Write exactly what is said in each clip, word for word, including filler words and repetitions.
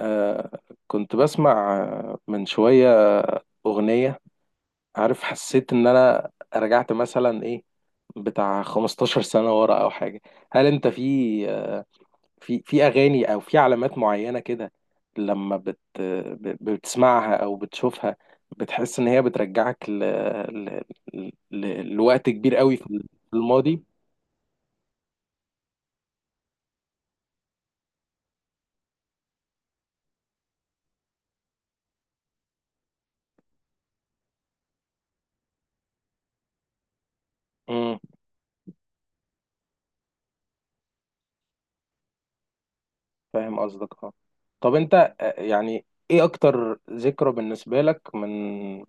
آه كنت بسمع آه، من شوية أغنية. عارف، حسيت إن أنا رجعت مثلا، إيه، بتاع 15 سنة ورا أو حاجة. هل أنت في آه في في أغاني أو في علامات معينة كده، لما بت ب- بتسمعها أو بتشوفها، بتحس إن هي بترجعك ل... ل... ل... لوقت كبير قوي في الماضي؟ فاهم قصدك، اه. طب انت، آه، يعني ايه اكتر ذكرى بالنسبة لك من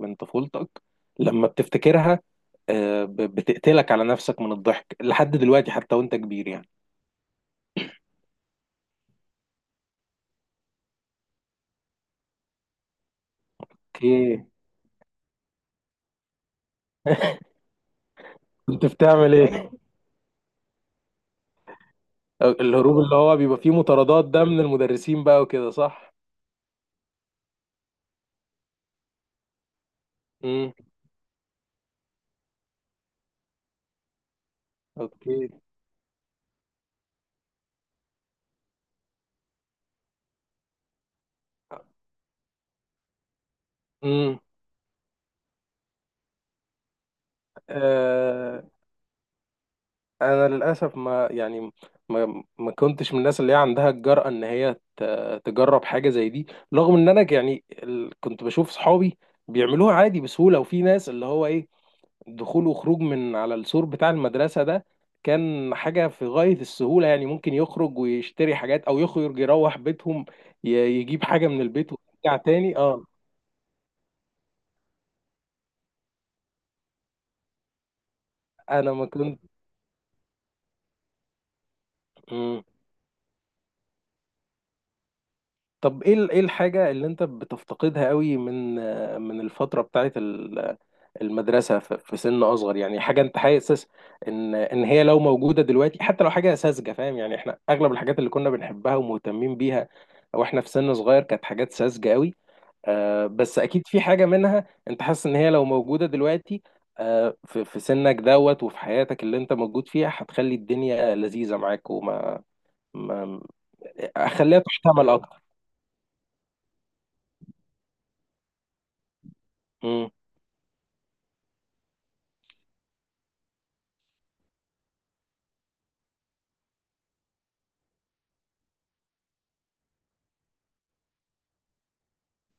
من طفولتك لما بتفتكرها؟ آه، ب- بتقتلك على نفسك من الضحك لحد دلوقتي حتى وانت كبير، يعني. اوكي. كنت بتعمل ايه؟ الهروب اللي هو بيبقى فيه مطاردات ده، من المدرسين بقى وكده، صح؟ امم. اوكي. امم. انا للاسف، ما يعني ما ما كنتش من الناس اللي هي عندها الجرأة ان هي ت- تجرب حاجة زي دي، رغم ان انا يعني ال- كنت بشوف صحابي بيعملوها عادي بسهولة، وفي ناس اللي هو ايه، دخول وخروج من على السور بتاع المدرسة ده كان حاجة في غاية السهولة. يعني ممكن يخرج ويشتري حاجات، او يخرج يروح بيتهم ي- يجيب حاجة من البيت ويرجع تاني، اه. انا ما كنت. مم. طب ايه ال- ايه الحاجة اللي انت بتفتقدها قوي من من الفترة بتاعت ال المدرسة ف- في سن أصغر، يعني حاجة أنت حاسس إن إن هي لو موجودة دلوقتي، حتى لو حاجة ساذجة، فاهم؟ يعني إحنا أغلب الحاجات اللي كنا بنحبها ومهتمين بيها وإحنا في سن صغير كانت حاجات ساذجة قوي. آه بس أكيد في حاجة منها أنت حاسس إن هي لو موجودة دلوقتي، آه في في سنك دوت وفي حياتك اللي أنت موجود فيها، هتخلي الدنيا لذيذة معاك. وما ما أخليها تحتمل أكتر. مم.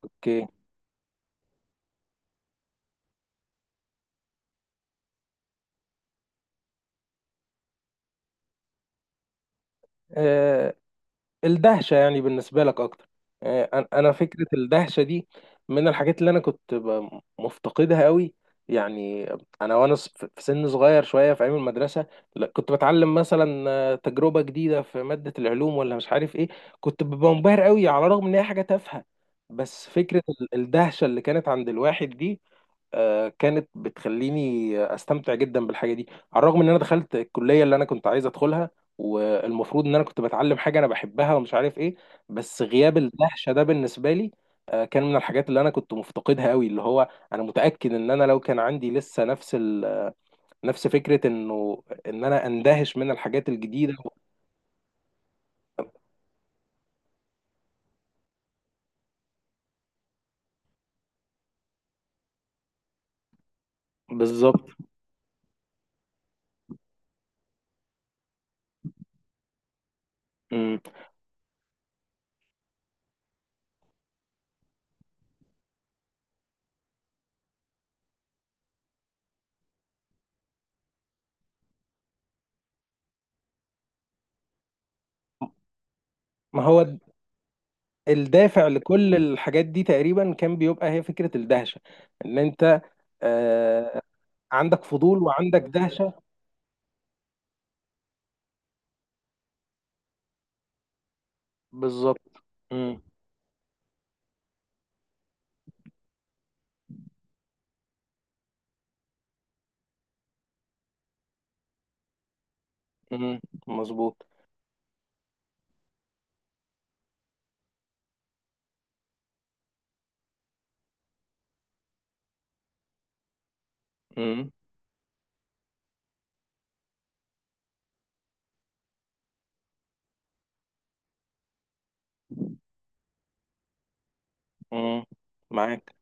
أوكي. آه، الدهشة، يعني بالنسبة لك أكتر. آه، أنا أنا فكرة الدهشة دي من الحاجات اللي أنا كنت ب- مفتقدها قوي. يعني أنا وأنا ص- في سن صغير شوية في أيام المدرسة، لا، كنت بتعلم مثلا، آه، تجربة جديدة في مادة العلوم ولا مش عارف إيه، كنت ببقى منبهر قوي على الرغم إن هي حاجة تافهة. بس فكرة ال- الدهشة اللي كانت عند الواحد دي، آه، كانت بتخليني استمتع جدا بالحاجه دي. على الرغم ان انا دخلت الكليه اللي انا كنت عايز ادخلها، والمفروض ان انا كنت بتعلم حاجه انا بحبها ومش عارف ايه، بس غياب الدهشه ده بالنسبه لي آه، كان من الحاجات اللي انا كنت مفتقدها قوي. اللي هو انا متاكد ان انا لو كان عندي لسه نفس ال... نفس فكره انه ان انا اندهش من الحاجات الجديده. بالظبط. مم. ما هو الدافع لكل الحاجات دي تقريبا كان بيبقى هي فكره الدهشه، ان انت آه، عندك فضول وعندك دهشة. بالظبط. امم. امم. مظبوط. امم. امم. معاك.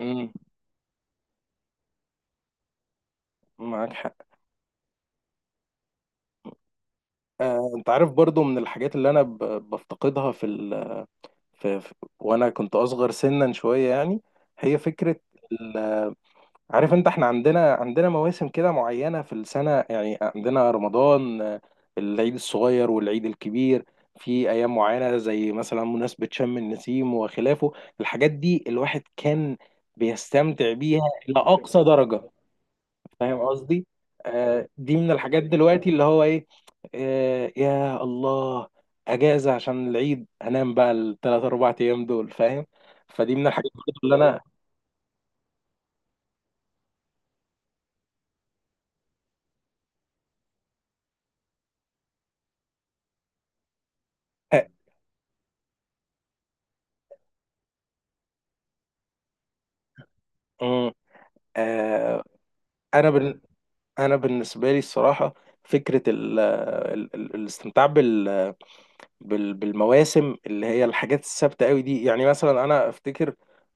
امم. معاك حق. آه، انت عارف، برضو من الحاجات اللي انا ب- بفتقدها في ال... في... في... وانا كنت اصغر سنا شوية، يعني، هي فكرة. عارف انت، احنا عندنا عندنا مواسم كده معينة في السنة. يعني عندنا رمضان، آه، العيد الصغير والعيد الكبير، في ايام معينة زي مثلا مناسبة شم النسيم وخلافه. الحاجات دي الواحد كان بيستمتع بيها إلى أقصى درجة، فاهم قصدي؟ آه، دي من الحاجات دلوقتي اللي هو ايه. آه، يا الله، اجازة عشان العيد هنام بقى الثلاث اربع ايام دول، فاهم؟ فدي من الحاجات برضو اللي انا آه، مم. آه، انا بال- انا بالنسبه لي الصراحه، فكره ال ال ال الاستمتاع بال بال بالمواسم اللي هي الحاجات الثابته قوي دي، يعني مثلا انا افتكر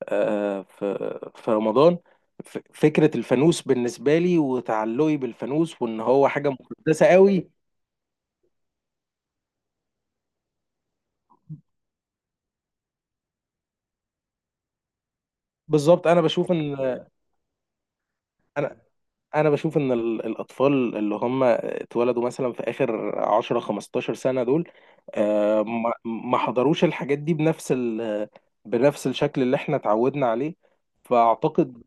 آه، في في رمضان، ف- فكره الفانوس بالنسبه لي وتعلقي بالفانوس وان هو حاجه مقدسه قوي. بالظبط. انا بشوف ان انا انا بشوف ان ال- الاطفال اللي هم اتولدوا مثلا في اخر عشر خمستاشر سنه دول، آه، ما ما حضروش الحاجات دي بنفس ال بنفس الشكل اللي احنا اتعودنا عليه. فاعتقد.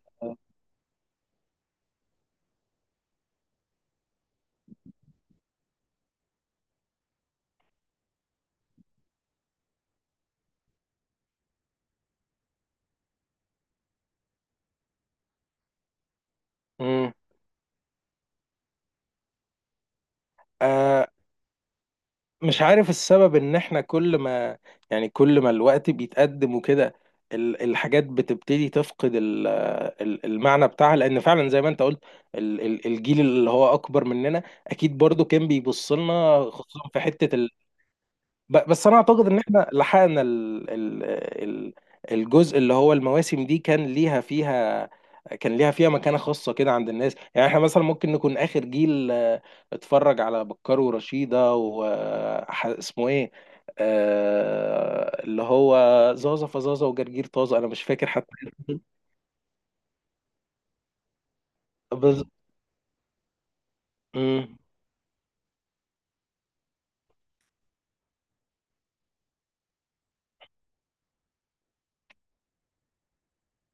مم، آه، مش عارف السبب، ان احنا كل ما يعني كل ما الوقت بيتقدم وكده، ال- الحاجات بتبتدي تفقد ال- ال- المعنى بتاعها، لان فعلا زي ما انت قلت ال- ال- الجيل اللي هو اكبر مننا اكيد برضو كان بيبص لنا خصوصا في حته. ب- بس انا اعتقد ان احنا لحقنا ال ال ال الجزء اللي هو المواسم دي كان ليها فيها كان ليها فيها مكانة خاصة كده عند الناس. يعني احنا مثلا ممكن نكون اخر جيل آه، اتفرج على بكار ورشيدة واسمه ايه، آه، اللي هو زازا فزازا وجرجير طازة، انا مش فاكر حتى. بز... مم.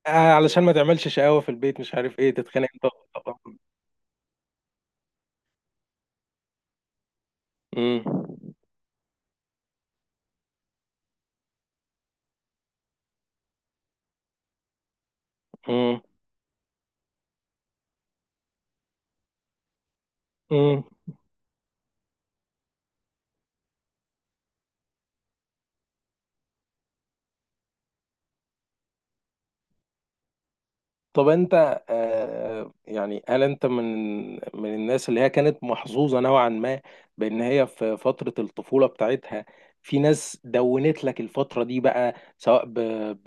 آه، علشان ما تعملش شقاوة في البيت، مش عارف ايه، تتخانق انت و- مم. مم. طب انت آه يعني، هل انت من من الناس اللي هي كانت محظوظة نوعا ما، بان هي في فترة الطفولة بتاعتها، في ناس دونت لك الفترة دي بقى، سواء ب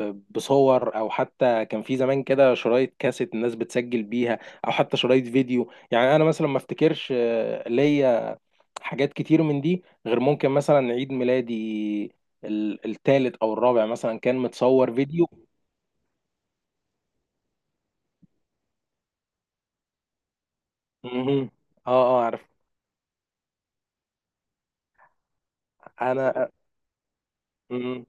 ب بصور، او حتى كان في زمان كده شرايط كاسيت الناس بتسجل بيها، او حتى شرايط فيديو. يعني انا مثلا ما افتكرش آه، ليا حاجات كتير من دي، غير ممكن مثلا عيد ميلادي الثالث او الرابع مثلا كان متصور فيديو. مهم. اه. اه، عارف. انا. مم.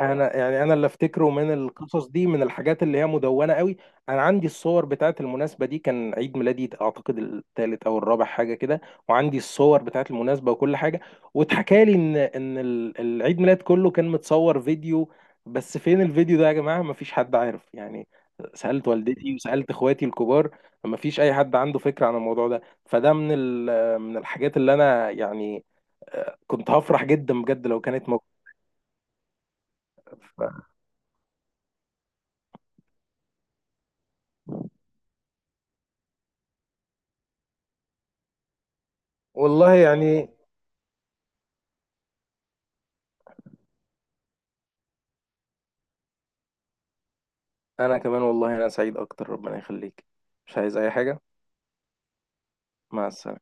انا يعني انا اللي افتكره من القصص دي من الحاجات اللي هي مدونه قوي. انا عندي الصور بتاعت المناسبه دي، كان عيد ميلادي اعتقد الثالث او الرابع حاجه كده، وعندي الصور بتاعت المناسبه وكل حاجه، واتحكى لي ان ان ال- العيد ميلاد كله كان متصور فيديو، بس فين الفيديو ده يا جماعه، مفيش حد عارف يعني. سالت والدتي وسالت اخواتي الكبار، مفيش اي حد عنده فكره عن الموضوع ده. فده من ال- من الحاجات اللي انا يعني، كنت هفرح جدا بجد لو كانت موجوده. والله يعني. انا كمان، والله، انا سعيد اكتر، ربنا يخليك. مش عايز اي حاجة. مع السلامة.